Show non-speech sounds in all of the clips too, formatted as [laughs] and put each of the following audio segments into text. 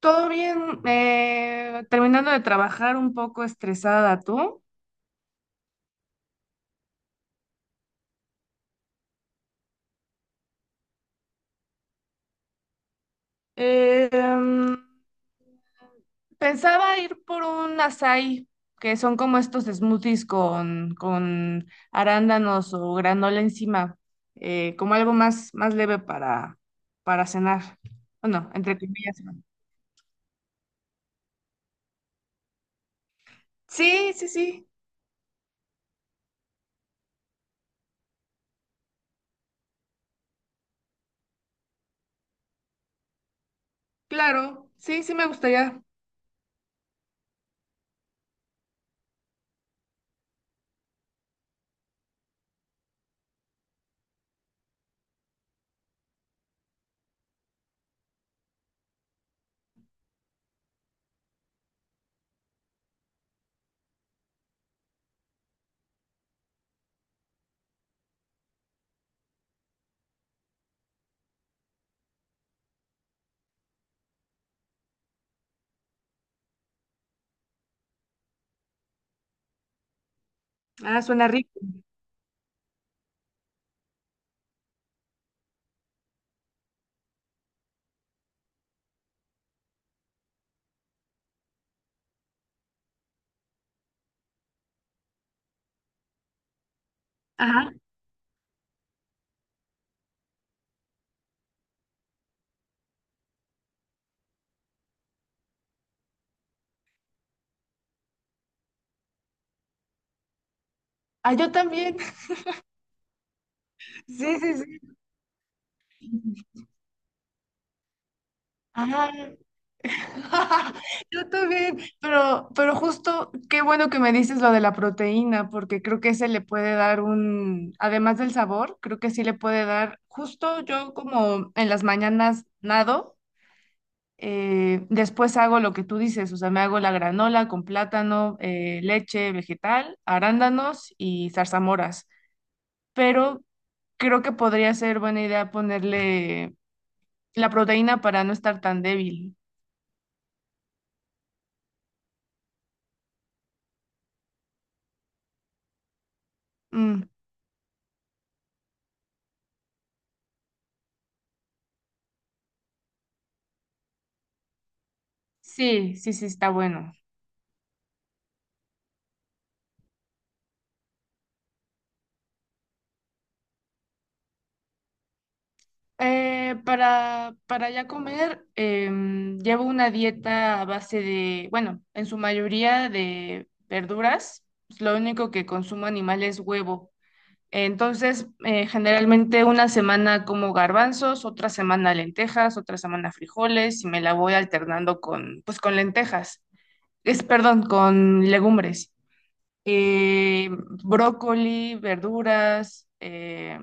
Todo bien, terminando de trabajar un poco estresada, ¿tú? Eh, em, pensaba ir por un açaí, que son como estos smoothies con arándanos o granola encima, como algo más, más leve para cenar. Bueno, entre comillas. ¿No? Sí, sí, sí, claro, sí, sí me gustaría. Ah, suena rico. Ajá. Ah, yo también. [laughs] Sí, sí, sí. Ajá. [laughs] Yo también, pero justo qué bueno que me dices lo de la proteína, porque creo que ese le puede dar un, además del sabor, creo que sí le puede dar, justo yo como en las mañanas nado, después hago lo que tú dices, o sea, me hago la granola con plátano, leche vegetal, arándanos y zarzamoras, pero creo que podría ser buena idea ponerle la proteína para no estar tan débil. Mm, sí, sí, sí, está bueno. Para ya comer, llevo una dieta a base de, bueno, en su mayoría de verduras. Lo único que consumo animal es huevo. Entonces, generalmente una semana como garbanzos, otra semana lentejas, otra semana frijoles y me la voy alternando con, pues, con lentejas. Es, perdón, con legumbres eh, brócoli, verduras.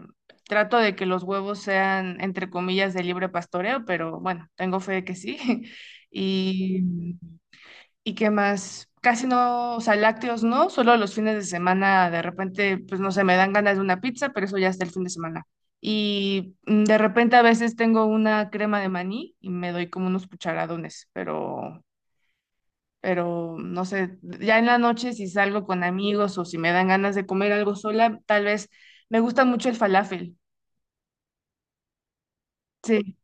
Trato de que los huevos sean, entre comillas, de libre pastoreo, pero bueno, tengo fe de que sí. [laughs] Y, y qué más, casi no, o sea, lácteos no, solo los fines de semana de repente, pues no sé, me dan ganas de una pizza, pero eso ya está el fin de semana. Y de repente a veces tengo una crema de maní y me doy como unos cucharadones, pero no sé, ya en la noche si salgo con amigos o si me dan ganas de comer algo sola, tal vez me gusta mucho el falafel. Sí.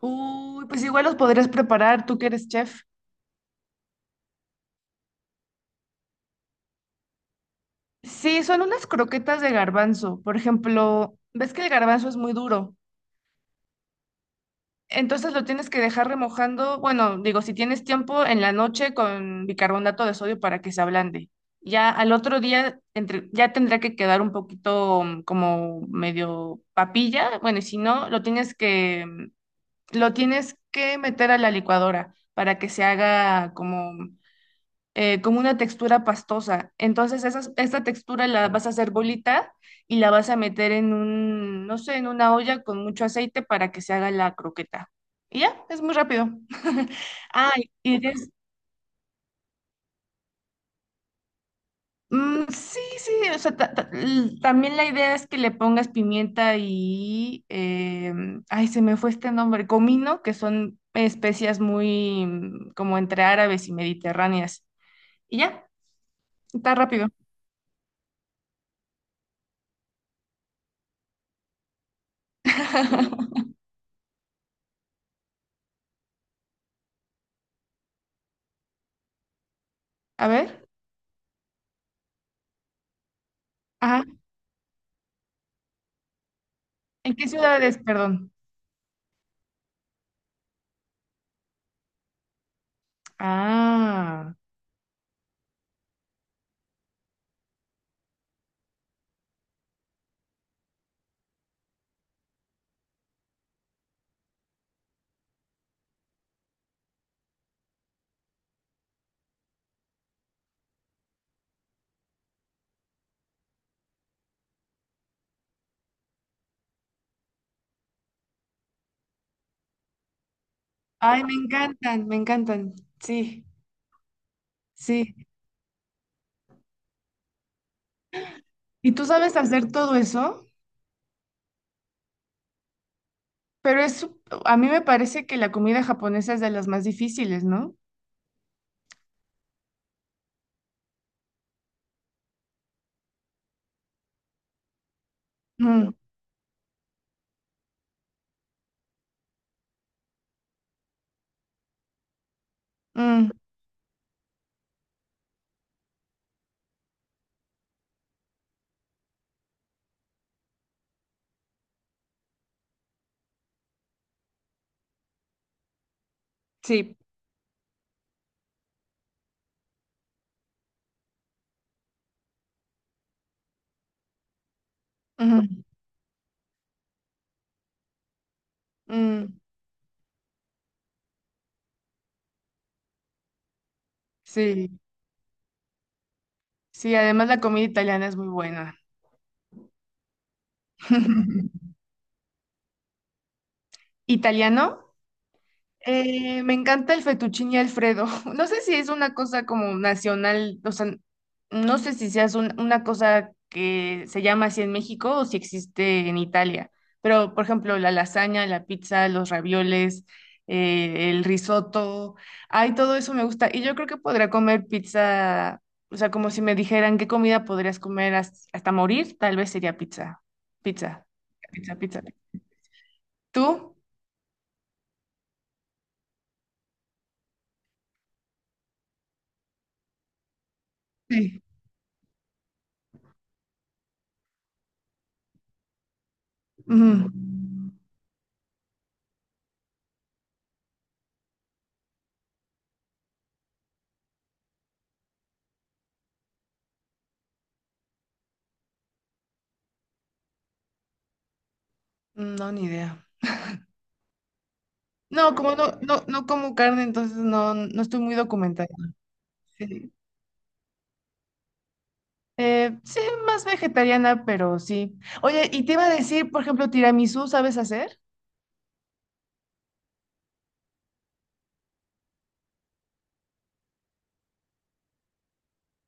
Uy, pues igual los podrías preparar, tú que eres chef. Sí, son unas croquetas de garbanzo. Por ejemplo, ves que el garbanzo es muy duro. Entonces lo tienes que dejar remojando, bueno, digo, si tienes tiempo en la noche con bicarbonato de sodio para que se ablande. Ya al otro día entre, ya tendrá que quedar un poquito como medio papilla. Bueno, y si no, lo tienes que, lo tienes que meter a la licuadora para que se haga como como una textura pastosa. Entonces, esas, esta textura la vas a hacer bolita y la vas a meter en un, no sé, en una olla con mucho aceite para que se haga la croqueta. Y ya, es muy rápido. [laughs] Ah, y des- sí, sí, o sea, también la idea es que le pongas pimienta y, ay, se me fue este nombre, comino, que son especias muy como entre árabes y mediterráneas. Y ya, está rápido. [laughs] A ver. Ajá. ¿En qué ciudades, perdón? Ah, ay, me encantan, me encantan. Sí, sí. ¿Y tú sabes hacer todo eso? Pero es, a mí me parece que la comida japonesa es de las más difíciles, ¿no? Mm, mm, sí. Ujú, mm, sí, sí, además la comida italiana es muy buena. [laughs] ¿Italiano? Me encanta el fettuccine Alfredo. [laughs] No sé si es una cosa como nacional, o sea, no sé si sea una cosa que se llama así en México o si existe en Italia. Pero, por ejemplo, la lasaña, la pizza, los ravioles, el risotto, ay, todo eso me gusta. Y yo creo que podría comer pizza, o sea, como si me dijeran qué comida podrías comer hasta morir, tal vez sería pizza, pizza, pizza, pizza. ¿Tú? Sí. Ujú. No, ni idea. No, como no, no, no como carne, entonces no, no estoy muy documentada. Sí. Sí, más vegetariana, pero sí. Oye, y te iba a decir, por ejemplo, tiramisú, ¿sabes hacer?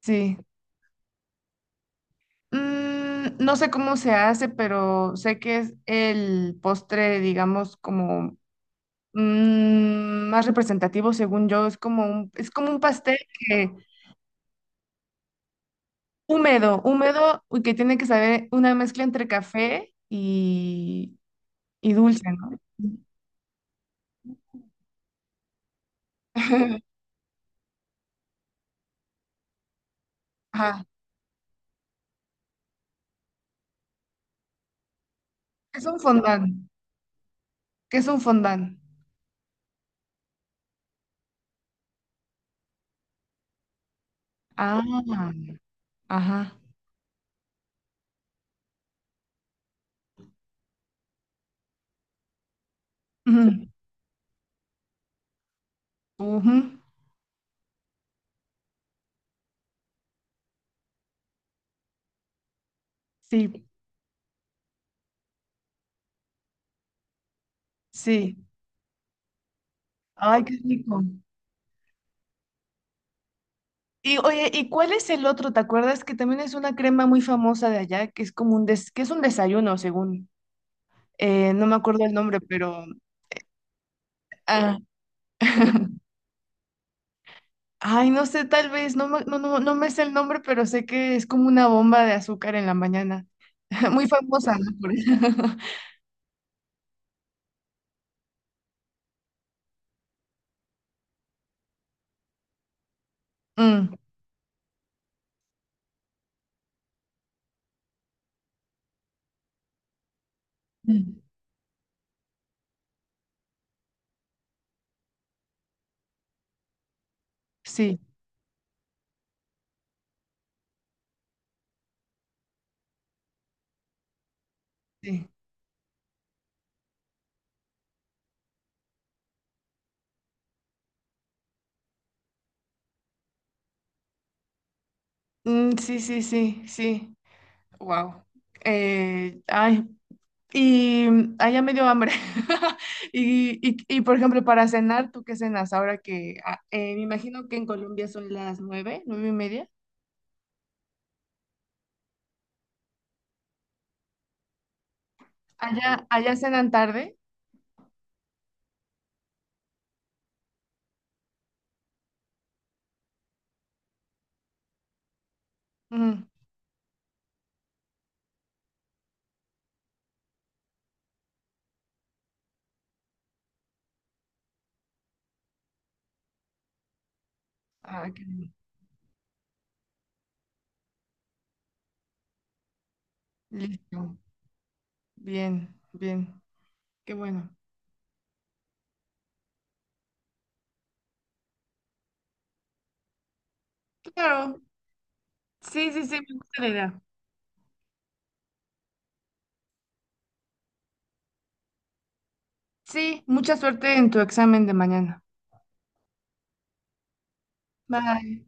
Sí. Mm, no sé cómo se hace, pero sé que es el postre, digamos, como más representativo, según yo. Es como un pastel que, húmedo, húmedo, y que tiene que saber una mezcla entre café y dulce, ¿no? [laughs] Ajá. Es un fondant. ¿Qué es un fondant? Ah, ajá. Ujú, ujú, sí, sí. Ay, qué rico. Y oye, ¿y cuál es el otro? ¿Te acuerdas que también es una crema muy famosa de allá, que es como un que es un desayuno, según. No me acuerdo el nombre, pero ah. [laughs] Ay, no sé, tal vez, no, no, no, no me sé el nombre, pero sé que es como una bomba de azúcar en la mañana. [laughs] Muy famosa, ¿no? Por eso. [laughs] Mm, mm, sí, sí. Mm, sí, sí, sí, sí. Wow. Ay, y ay, ya me dio hambre. [laughs] Y, y, por ejemplo, para cenar, ¿tú qué cenas? Ahora que ah, me imagino que en Colombia son las 9, 9:30. Allá, allá cenan tarde. Mm. Ah, qué bien. Listo. Bien, bien. Qué bueno. Claro. Sí, sí, sí, me gusta la idea. Sí, mucha suerte en tu examen de mañana. Bye.